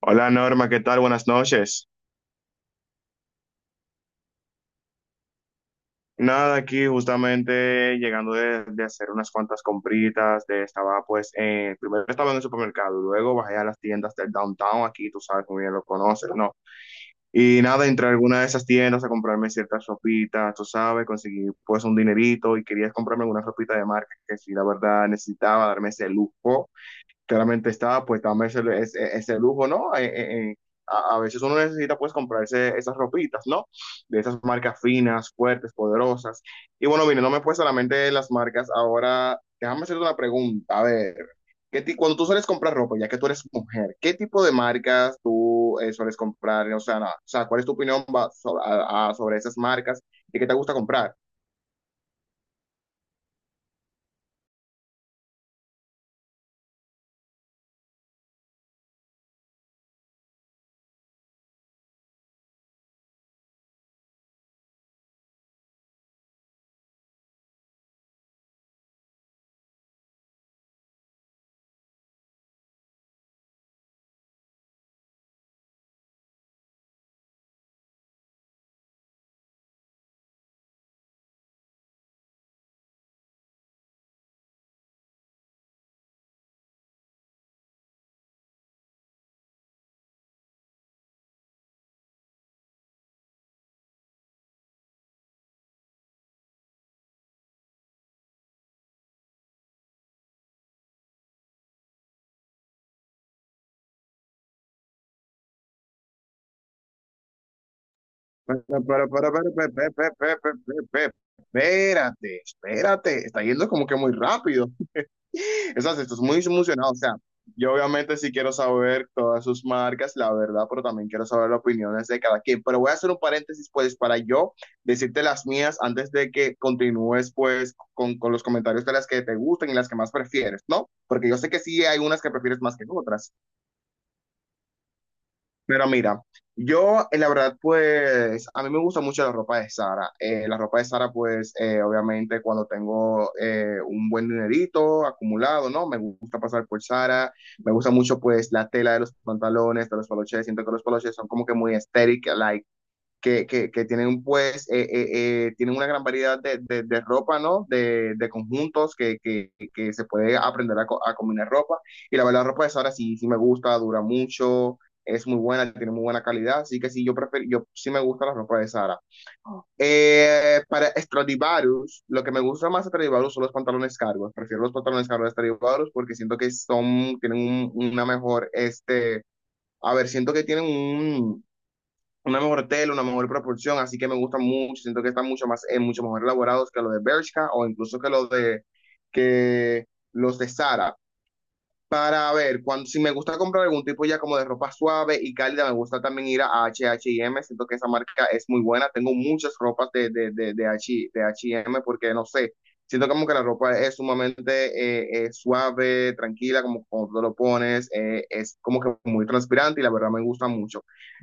Hola Norma, ¿qué tal? Buenas noches. Nada, aquí justamente llegando de hacer unas cuantas compritas, de, estaba pues, primero estaba en el supermercado, luego bajé a las tiendas del downtown, aquí tú sabes muy bien lo conoces, ¿no? Y nada, entré a alguna de esas tiendas a comprarme ciertas ropitas, tú sabes, conseguí pues un dinerito y quería comprarme una ropita de marca que sí, la verdad necesitaba darme ese lujo. Claramente está pues dame ese lujo, ¿no? Veces uno necesita pues comprarse esas ropitas, ¿no? De esas marcas finas, fuertes, poderosas. Y bueno, mire, no me pues solamente las marcas. Ahora, déjame hacerte una pregunta. A ver, ¿cuando tú sueles comprar ropa, ya que tú eres mujer, qué tipo de marcas tú sueles comprar? O sea, no, o sea, ¿cuál es tu opinión sobre esas marcas y qué te gusta comprar? Pero, pe- pe- pe- pe- pe- pe- pe- Espérate, está yendo como que muy rápido. Estás muy emocionado. O sea, yo obviamente sí quiero saber todas sus marcas, la verdad, pero también quiero saber las opiniones de cada quien. Pero voy a hacer un paréntesis, pues, para yo decirte las mías antes de que continúes, pues, con los comentarios de las que te gustan y las que más prefieres, ¿no? Porque yo sé que sí hay unas que prefieres más que otras. Pero mira, yo la verdad pues a mí me gusta mucho la ropa de Sara. La ropa de Sara pues obviamente cuando tengo un buen dinerito acumulado, ¿no? Me gusta pasar por Sara, me gusta mucho pues la tela de los pantalones, de los poloches, siento que los poloches son como que muy estéticos, like que tienen pues, tienen una gran variedad de ropa, ¿no? De conjuntos se puede aprender a combinar ropa. Y la verdad, la ropa de Sara sí, sí me gusta, dura mucho, es muy buena, tiene muy buena calidad, así que sí, yo, prefiero, yo sí me gusta la ropa de Sara. Para Stradivarius, lo que me gusta más de Stradivarius son los pantalones cargos. Prefiero los pantalones cargos de Stradivarius porque siento que son, tienen un, una mejor, a ver, siento que tienen un, una mejor tela, una mejor proporción, así que me gustan mucho, siento que están mucho más, mucho mejor elaborados que los de Bershka o incluso que los que los de Sara. Para ver, cuando, si me gusta comprar algún tipo ya como de ropa suave y cálida, me gusta también ir a H y M, siento que esa marca es muy buena, tengo muchas ropas de H&M, porque no sé, siento como que la ropa es sumamente suave, tranquila, como cuando tú lo pones, es como que muy transpirante y la verdad me gusta mucho.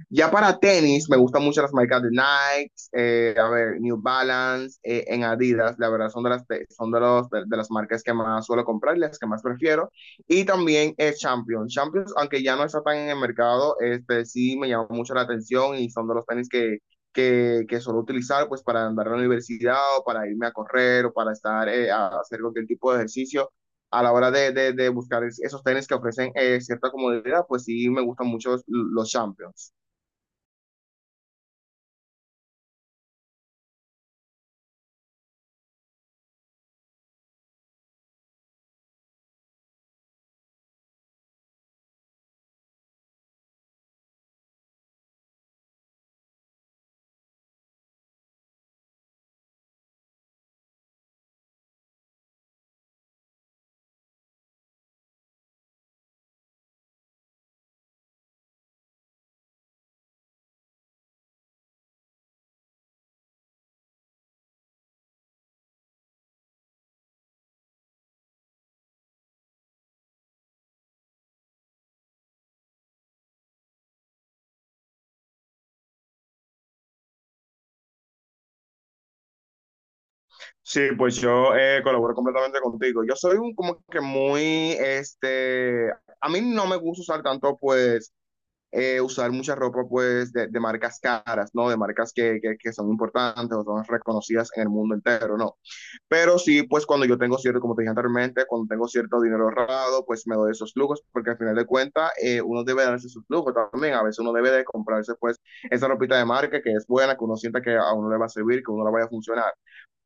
Ya para tenis, me gustan mucho las marcas de Nike, a ver, New Balance, en Adidas, la verdad son de las, son de los, de las marcas que más suelo comprar y las que más prefiero. Y también es Champions. Champions, aunque ya no está tan en el mercado, este sí me llamó mucho la atención y son de los tenis que suelo utilizar pues para andar a la universidad o para irme a correr o para estar a hacer cualquier tipo de ejercicio. A la hora de buscar esos tenis que ofrecen cierta comodidad, pues sí me gustan mucho los Champions. Sí, pues yo colaboro completamente contigo. Yo soy un como que muy, a mí no me gusta usar tanto pues usar mucha ropa pues marcas caras, ¿no? De marcas son importantes o son reconocidas en el mundo entero, ¿no? Pero sí, pues cuando yo tengo cierto, como te dije anteriormente, cuando tengo cierto dinero ahorrado, pues me doy esos lujos, porque al final de cuentas uno debe darse sus lujos también, a veces uno debe de comprarse pues esa ropita de marca que es buena, que uno sienta que a uno le va a servir, que a uno le vaya a funcionar.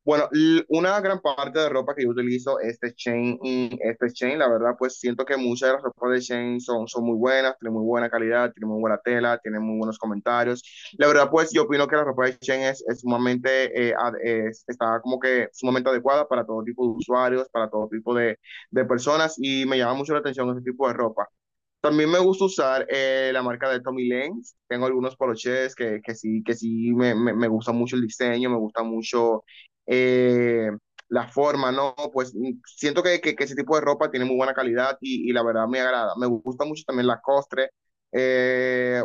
Bueno, una gran parte de ropa que yo utilizo es de Shein, y este Shein, la verdad, pues siento que muchas de las ropas de Shein son, son muy buenas, tienen muy buena calidad, tienen muy buena tela, tienen muy buenos comentarios. La verdad, pues yo opino que la ropa de Shein es sumamente, está como que sumamente adecuada para todo tipo de usuarios, para todo tipo de personas y me llama mucho la atención ese tipo de ropa. También me gusta usar la marca de Tommy Lenz. Tengo algunos poloches que sí me gusta mucho el diseño, me gusta mucho eh, la forma, ¿no? Pues mm, siento que ese tipo de ropa tiene muy buena calidad y la verdad me agrada. Me gusta mucho también la costre. Eh,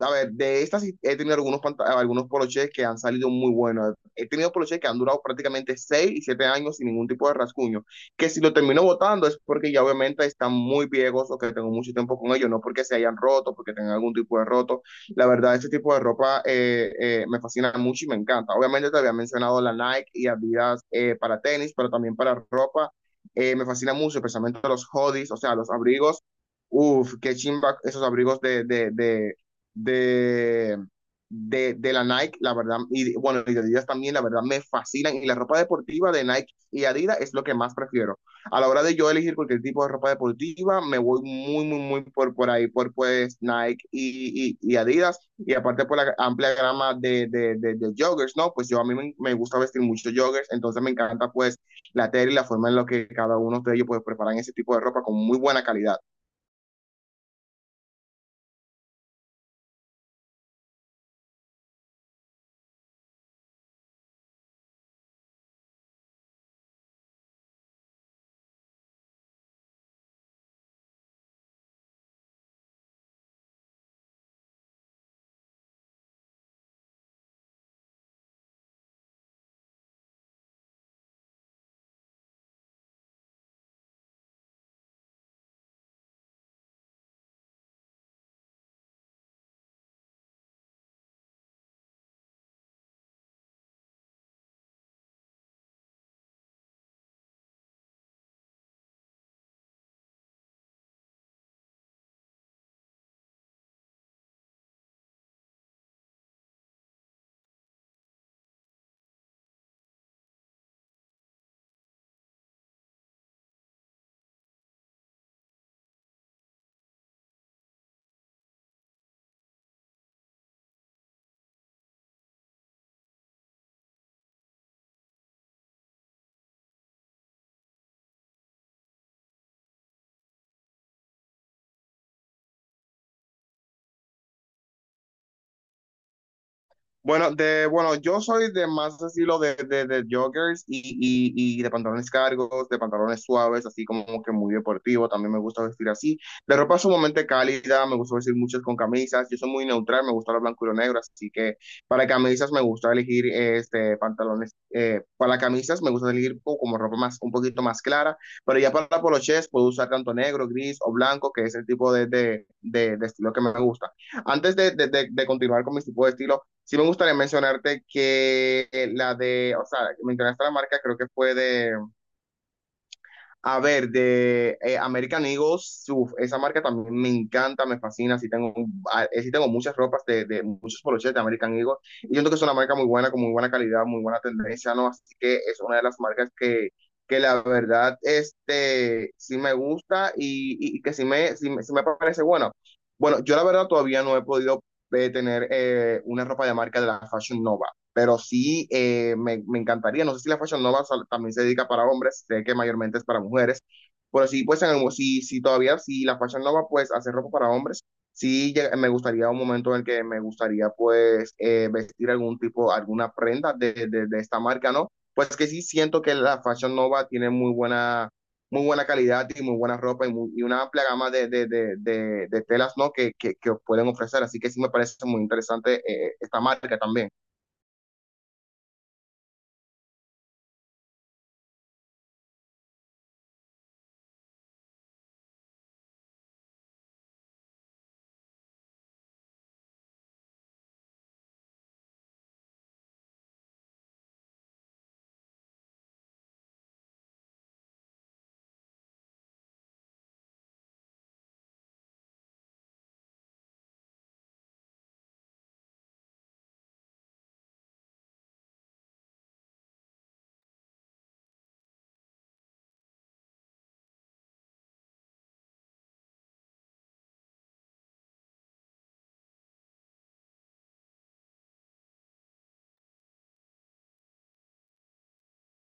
a ver, de estas sí he tenido algunos, algunos polochés que han salido muy buenos. He tenido polochés que han durado prácticamente 6 y 7 años sin ningún tipo de rasguño, que si lo termino votando es porque ya obviamente están muy viejos o que tengo mucho tiempo con ellos, no porque se hayan roto, porque tengan algún tipo de roto. La verdad, ese tipo de ropa me fascina mucho y me encanta. Obviamente te había mencionado la Nike y Adidas para tenis, pero también para ropa. Me fascina mucho, especialmente los hoodies, o sea, los abrigos. Uf, qué chimba esos abrigos de de la Nike, la verdad, y bueno, y de Adidas también, la verdad, me fascinan. Y la ropa deportiva de Nike y Adidas es lo que más prefiero. A la hora de yo elegir cualquier tipo de ropa deportiva, me voy muy por ahí, por pues Nike y Adidas, y aparte por la amplia gama de joggers, ¿no? Pues yo a mí me gusta vestir mucho joggers, entonces me encanta pues la tela y la forma en la que cada uno de ellos pues preparan ese tipo de ropa con muy buena calidad. Bueno, yo soy de más estilo de joggers y de pantalones cargos, de pantalones suaves, así como que muy deportivo. También me gusta vestir así. De ropa sumamente cálida, me gusta vestir muchas con camisas. Yo soy muy neutral, me gusta lo blanco y lo negro. Así que para camisas me gusta elegir este, pantalones. Para camisas me gusta elegir como ropa más, un poquito más clara. Pero ya para polochés puedo usar tanto negro, gris o blanco, que es el tipo de estilo que me gusta. Antes de continuar con mi tipo de estilo, sí me gustaría mencionarte que la de, o sea, mencionaste la marca, creo que fue de, a ver, de American Eagles, uf, esa marca también me encanta, me fascina, sí tengo, sí tengo muchas ropas de muchos poloches de American Eagles, y siento que es una marca muy buena, con muy buena calidad, muy buena tendencia, ¿no? Así que es una de las marcas que la verdad, sí me gusta y que sí me parece bueno. Bueno, yo la verdad todavía no he podido tener una ropa de marca de la Fashion Nova. Pero sí, me encantaría. No sé si la Fashion Nova también se dedica para hombres, sé que mayormente es para mujeres. Pero sí, pues en algún- si, si todavía, si la Fashion Nova pues hace ropa para hombres, me gustaría un momento en el que me gustaría pues vestir algún tipo, alguna prenda de esta marca, ¿no? Pues que sí siento que la Fashion Nova tiene muy buena calidad y muy buena ropa y, y una amplia gama de de telas, ¿no? Que pueden ofrecer. Así que sí me parece muy interesante esta marca también.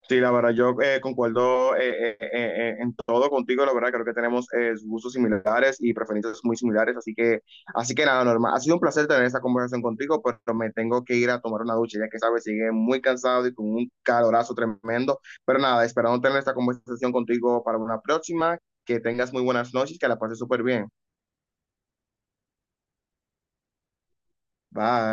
Sí, la verdad, yo concuerdo en todo contigo, la verdad, creo que tenemos gustos similares y preferencias muy similares, así que nada, normal. Ha sido un placer tener esta conversación contigo, pero me tengo que ir a tomar una ducha, ya que sabes, sigue muy cansado y con un calorazo tremendo, pero nada, esperando tener esta conversación contigo para una próxima, que tengas muy buenas noches, que la pases súper bien. Bye.